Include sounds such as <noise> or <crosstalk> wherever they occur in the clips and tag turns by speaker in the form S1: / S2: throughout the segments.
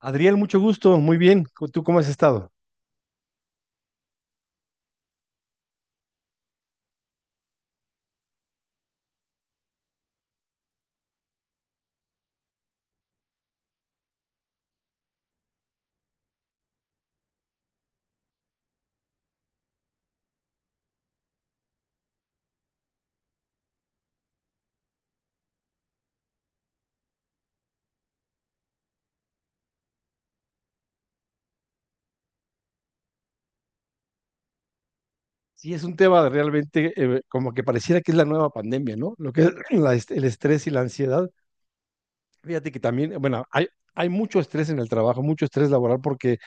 S1: Adriel, mucho gusto, muy bien. ¿Tú cómo has estado? Sí, es un tema de realmente, como que pareciera que es la nueva pandemia, ¿no? Lo que es <clears throat> el estrés y la ansiedad. Fíjate que también, bueno, hay mucho estrés en el trabajo, mucho estrés laboral, porque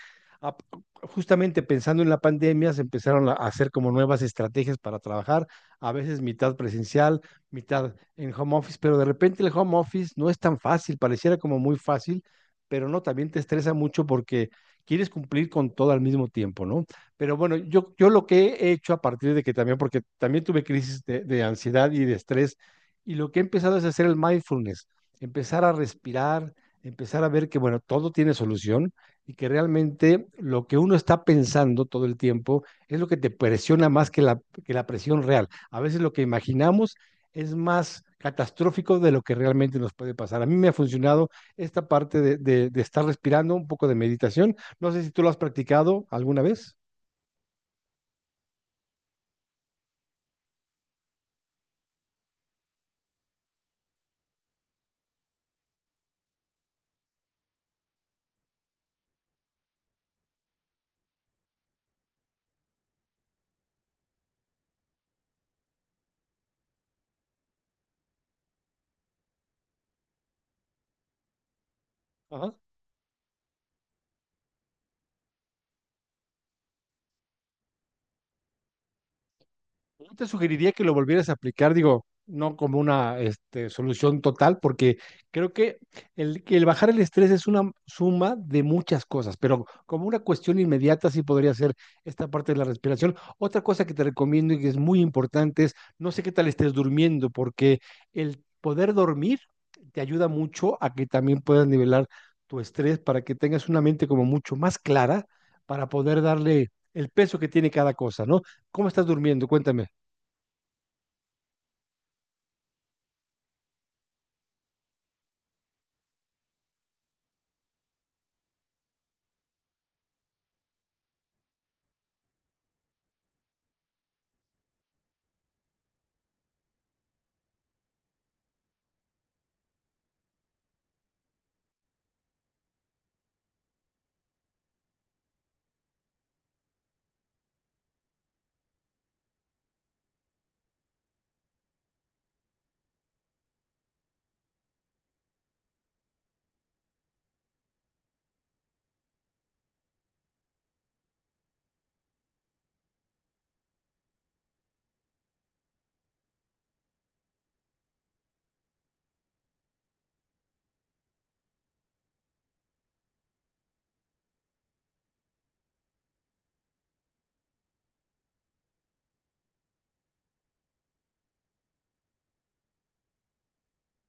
S1: a- justamente pensando en la pandemia se empezaron a hacer como nuevas estrategias para trabajar, a veces mitad presencial, mitad en home office, pero de repente el home office no es tan fácil, pareciera como muy fácil, pero no, también te estresa mucho porque quieres cumplir con todo al mismo tiempo, ¿no? Pero bueno, yo lo que he hecho a partir de que también, porque también tuve crisis de ansiedad y de estrés, y lo que he empezado es hacer el mindfulness, empezar a respirar, empezar a ver que, bueno, todo tiene solución y que realmente lo que uno está pensando todo el tiempo es lo que te presiona más que la presión real. A veces lo que imaginamos es más catastrófico de lo que realmente nos puede pasar. A mí me ha funcionado esta parte de estar respirando, un poco de meditación. No sé si tú lo has practicado alguna vez. Ajá. Yo te sugeriría que lo volvieras a aplicar, digo, no como una solución total, porque creo que que el bajar el estrés es una suma de muchas cosas, pero como una cuestión inmediata sí podría ser esta parte de la respiración. Otra cosa que te recomiendo y que es muy importante es, no sé qué tal estés durmiendo, porque el poder dormir te ayuda mucho a que también puedas nivelar tu estrés para que tengas una mente como mucho más clara para poder darle el peso que tiene cada cosa, ¿no? ¿Cómo estás durmiendo? Cuéntame.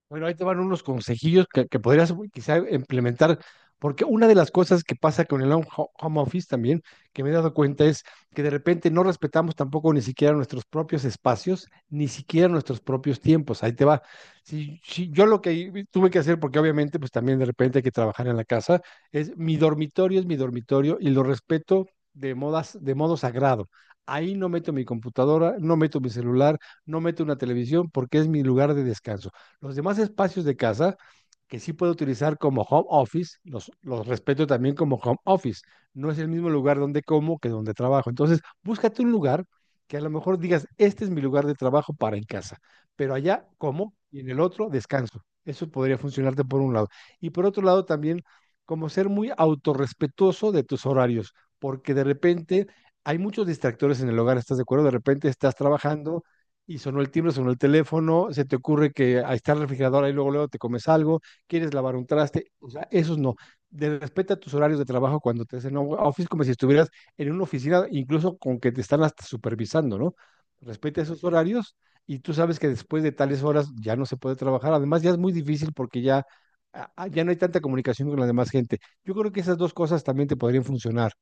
S1: Bueno, ahí te van unos consejillos que podrías quizá implementar, porque una de las cosas que pasa con el home office también, que me he dado cuenta, es que de repente no respetamos tampoco ni siquiera nuestros propios espacios, ni siquiera nuestros propios tiempos. Ahí te va. Si yo lo que tuve que hacer, porque obviamente pues también de repente hay que trabajar en la casa, es mi dormitorio, es mi dormitorio, y lo respeto de modo sagrado. Ahí no meto mi computadora, no meto mi celular, no meto una televisión porque es mi lugar de descanso. Los demás espacios de casa que sí puedo utilizar como home office, los respeto también como home office. No es el mismo lugar donde como que donde trabajo. Entonces, búscate un lugar que a lo mejor digas, este es mi lugar de trabajo para en casa, pero allá como y en el otro descanso. Eso podría funcionarte por un lado. Y por otro lado también como ser muy autorrespetuoso de tus horarios, porque de repente hay muchos distractores en el hogar, ¿estás de acuerdo? De repente estás trabajando y sonó el timbre, sonó el teléfono, se te ocurre que ahí está el refrigerador, ahí luego, luego te comes algo, quieres lavar un traste, o sea, esos no. De Respeta tus horarios de trabajo cuando te hacen home office, como si estuvieras en una oficina, incluso con que te están hasta supervisando, ¿no? Respeta esos horarios y tú sabes que después de tales horas ya no se puede trabajar. Además, ya es muy difícil porque ya, ya no hay tanta comunicación con la demás gente. Yo creo que esas dos cosas también te podrían funcionar.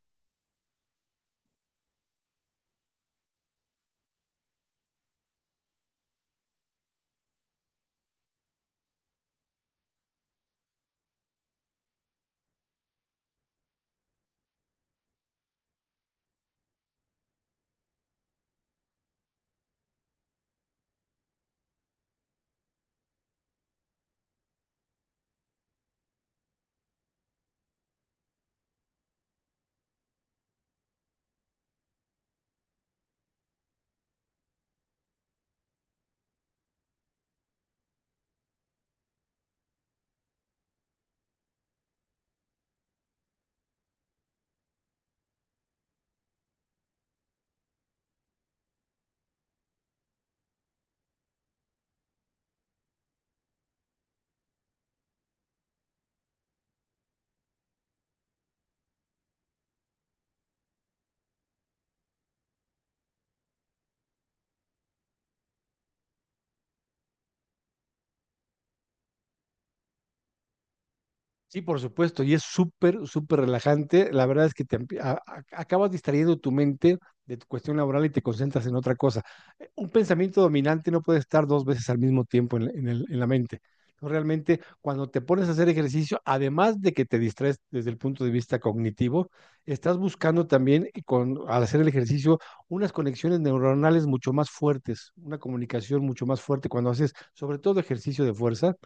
S1: Sí, por supuesto, y es súper, súper relajante. La verdad es que te acabas distrayendo tu mente de tu cuestión laboral y te concentras en otra cosa. Un pensamiento dominante no puede estar dos veces al mismo tiempo en la mente. Entonces, realmente, cuando te pones a hacer ejercicio, además de que te distraes desde el punto de vista cognitivo, estás buscando también, y al hacer el ejercicio, unas conexiones neuronales mucho más fuertes, una comunicación mucho más fuerte. Cuando haces, sobre todo, ejercicio de fuerza,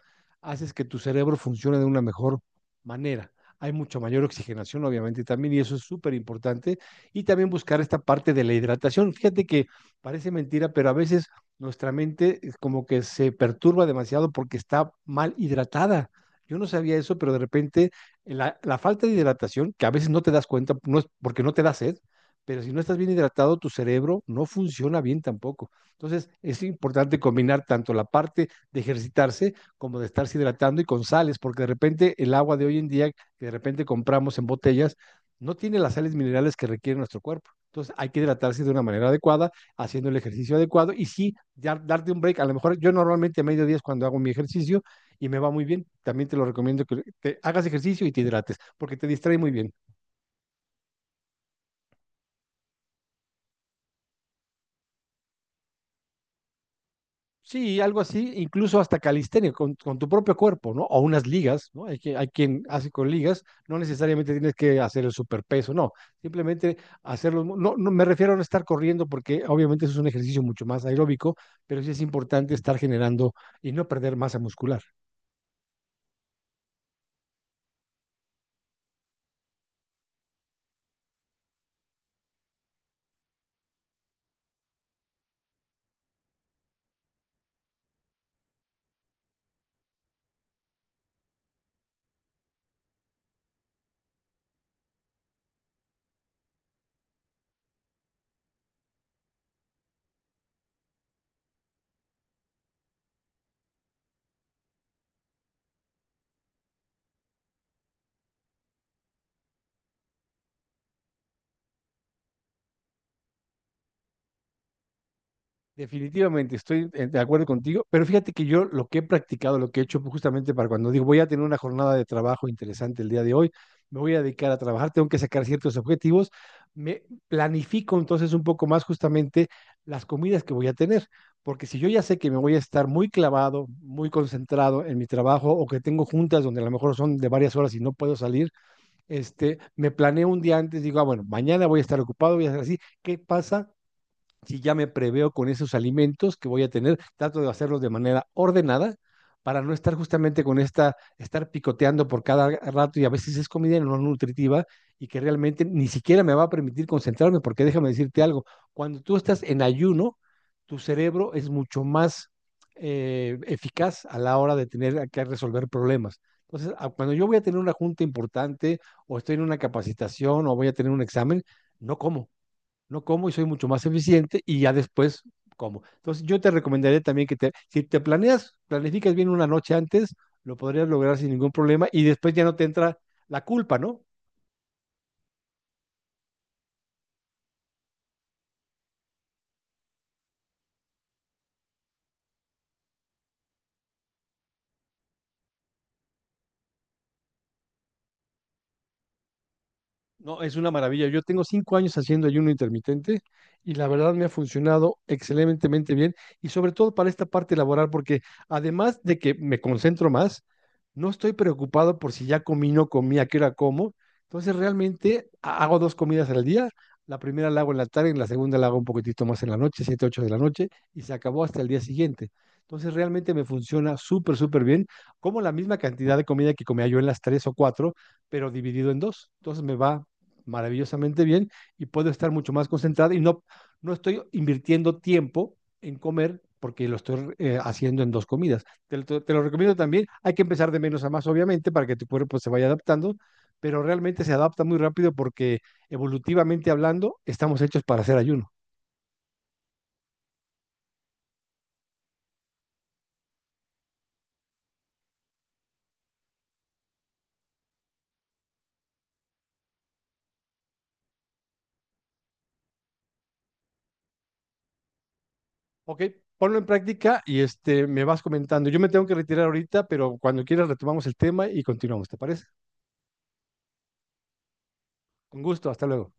S1: haces que tu cerebro funcione de una mejor manera. Hay mucho mayor oxigenación, obviamente, también, y eso es súper importante. Y también buscar esta parte de la hidratación. Fíjate que parece mentira, pero a veces nuestra mente como que se perturba demasiado porque está mal hidratada. Yo no sabía eso, pero de repente la falta de hidratación, que a veces no te das cuenta, no es porque no te da sed, pero si no estás bien hidratado, tu cerebro no funciona bien tampoco. Entonces, es importante combinar tanto la parte de ejercitarse como de estarse hidratando y con sales, porque de repente el agua de hoy en día que de repente compramos en botellas no tiene las sales minerales que requiere nuestro cuerpo. Entonces hay que hidratarse de una manera adecuada, haciendo el ejercicio adecuado y sí, darte un break. A lo mejor yo normalmente a mediodía es cuando hago mi ejercicio y me va muy bien. También te lo recomiendo que te hagas ejercicio y te hidrates, porque te distrae muy bien. Sí, algo así, incluso hasta calistenia, con tu propio cuerpo, ¿no? O unas ligas, ¿no? Hay quien hace con ligas, no necesariamente tienes que hacer el superpeso, no, simplemente hacerlo. No, no me refiero a no estar corriendo porque obviamente eso es un ejercicio mucho más aeróbico, pero sí es importante estar generando y no perder masa muscular. Definitivamente, estoy de acuerdo contigo, pero fíjate que yo lo que he practicado, lo que he hecho justamente para cuando digo voy a tener una jornada de trabajo interesante el día de hoy, me voy a dedicar a trabajar, tengo que sacar ciertos objetivos, me planifico entonces un poco más justamente las comidas que voy a tener, porque si yo ya sé que me voy a estar muy clavado, muy concentrado en mi trabajo o que tengo juntas donde a lo mejor son de varias horas y no puedo salir, me planeo un día antes, digo, bueno, mañana voy a estar ocupado, voy a hacer así, ¿qué pasa? Si ya me preveo con esos alimentos que voy a tener, trato de hacerlos de manera ordenada para no estar justamente con estar picoteando por cada rato y a veces es comida no nutritiva y que realmente ni siquiera me va a permitir concentrarme, porque déjame decirte algo, cuando tú estás en ayuno, tu cerebro es mucho más eficaz a la hora de tener que resolver problemas. Entonces, cuando yo voy a tener una junta importante o estoy en una capacitación o voy a tener un examen, no como, no como, y soy mucho más eficiente y ya después como. Entonces yo te recomendaría también que si te planeas, planificas bien una noche antes, lo podrías lograr sin ningún problema y después ya no te entra la culpa, ¿no? No, es una maravilla. Yo tengo 5 años haciendo ayuno intermitente y la verdad me ha funcionado excelentemente bien y sobre todo para esta parte laboral porque además de que me concentro más, no estoy preocupado por si ya comí, no comí, a qué hora como. Entonces realmente hago dos comidas al día. La primera la hago en la tarde, en la segunda la hago un poquitito más en la noche, 7, 8 de la noche, y se acabó hasta el día siguiente. Entonces realmente me funciona súper, súper bien. Como la misma cantidad de comida que comía yo en las tres o cuatro, pero dividido en dos. Entonces me va maravillosamente bien y puedo estar mucho más concentrado y no, no estoy invirtiendo tiempo en comer porque lo estoy haciendo en dos comidas. Te lo recomiendo también. Hay que empezar de menos a más, obviamente, para que tu cuerpo pues, se vaya adaptando, pero realmente se adapta muy rápido porque evolutivamente hablando, estamos hechos para hacer ayuno. Ok, ponlo en práctica y me vas comentando. Yo me tengo que retirar ahorita, pero cuando quieras retomamos el tema y continuamos, ¿te parece? Con gusto, hasta luego.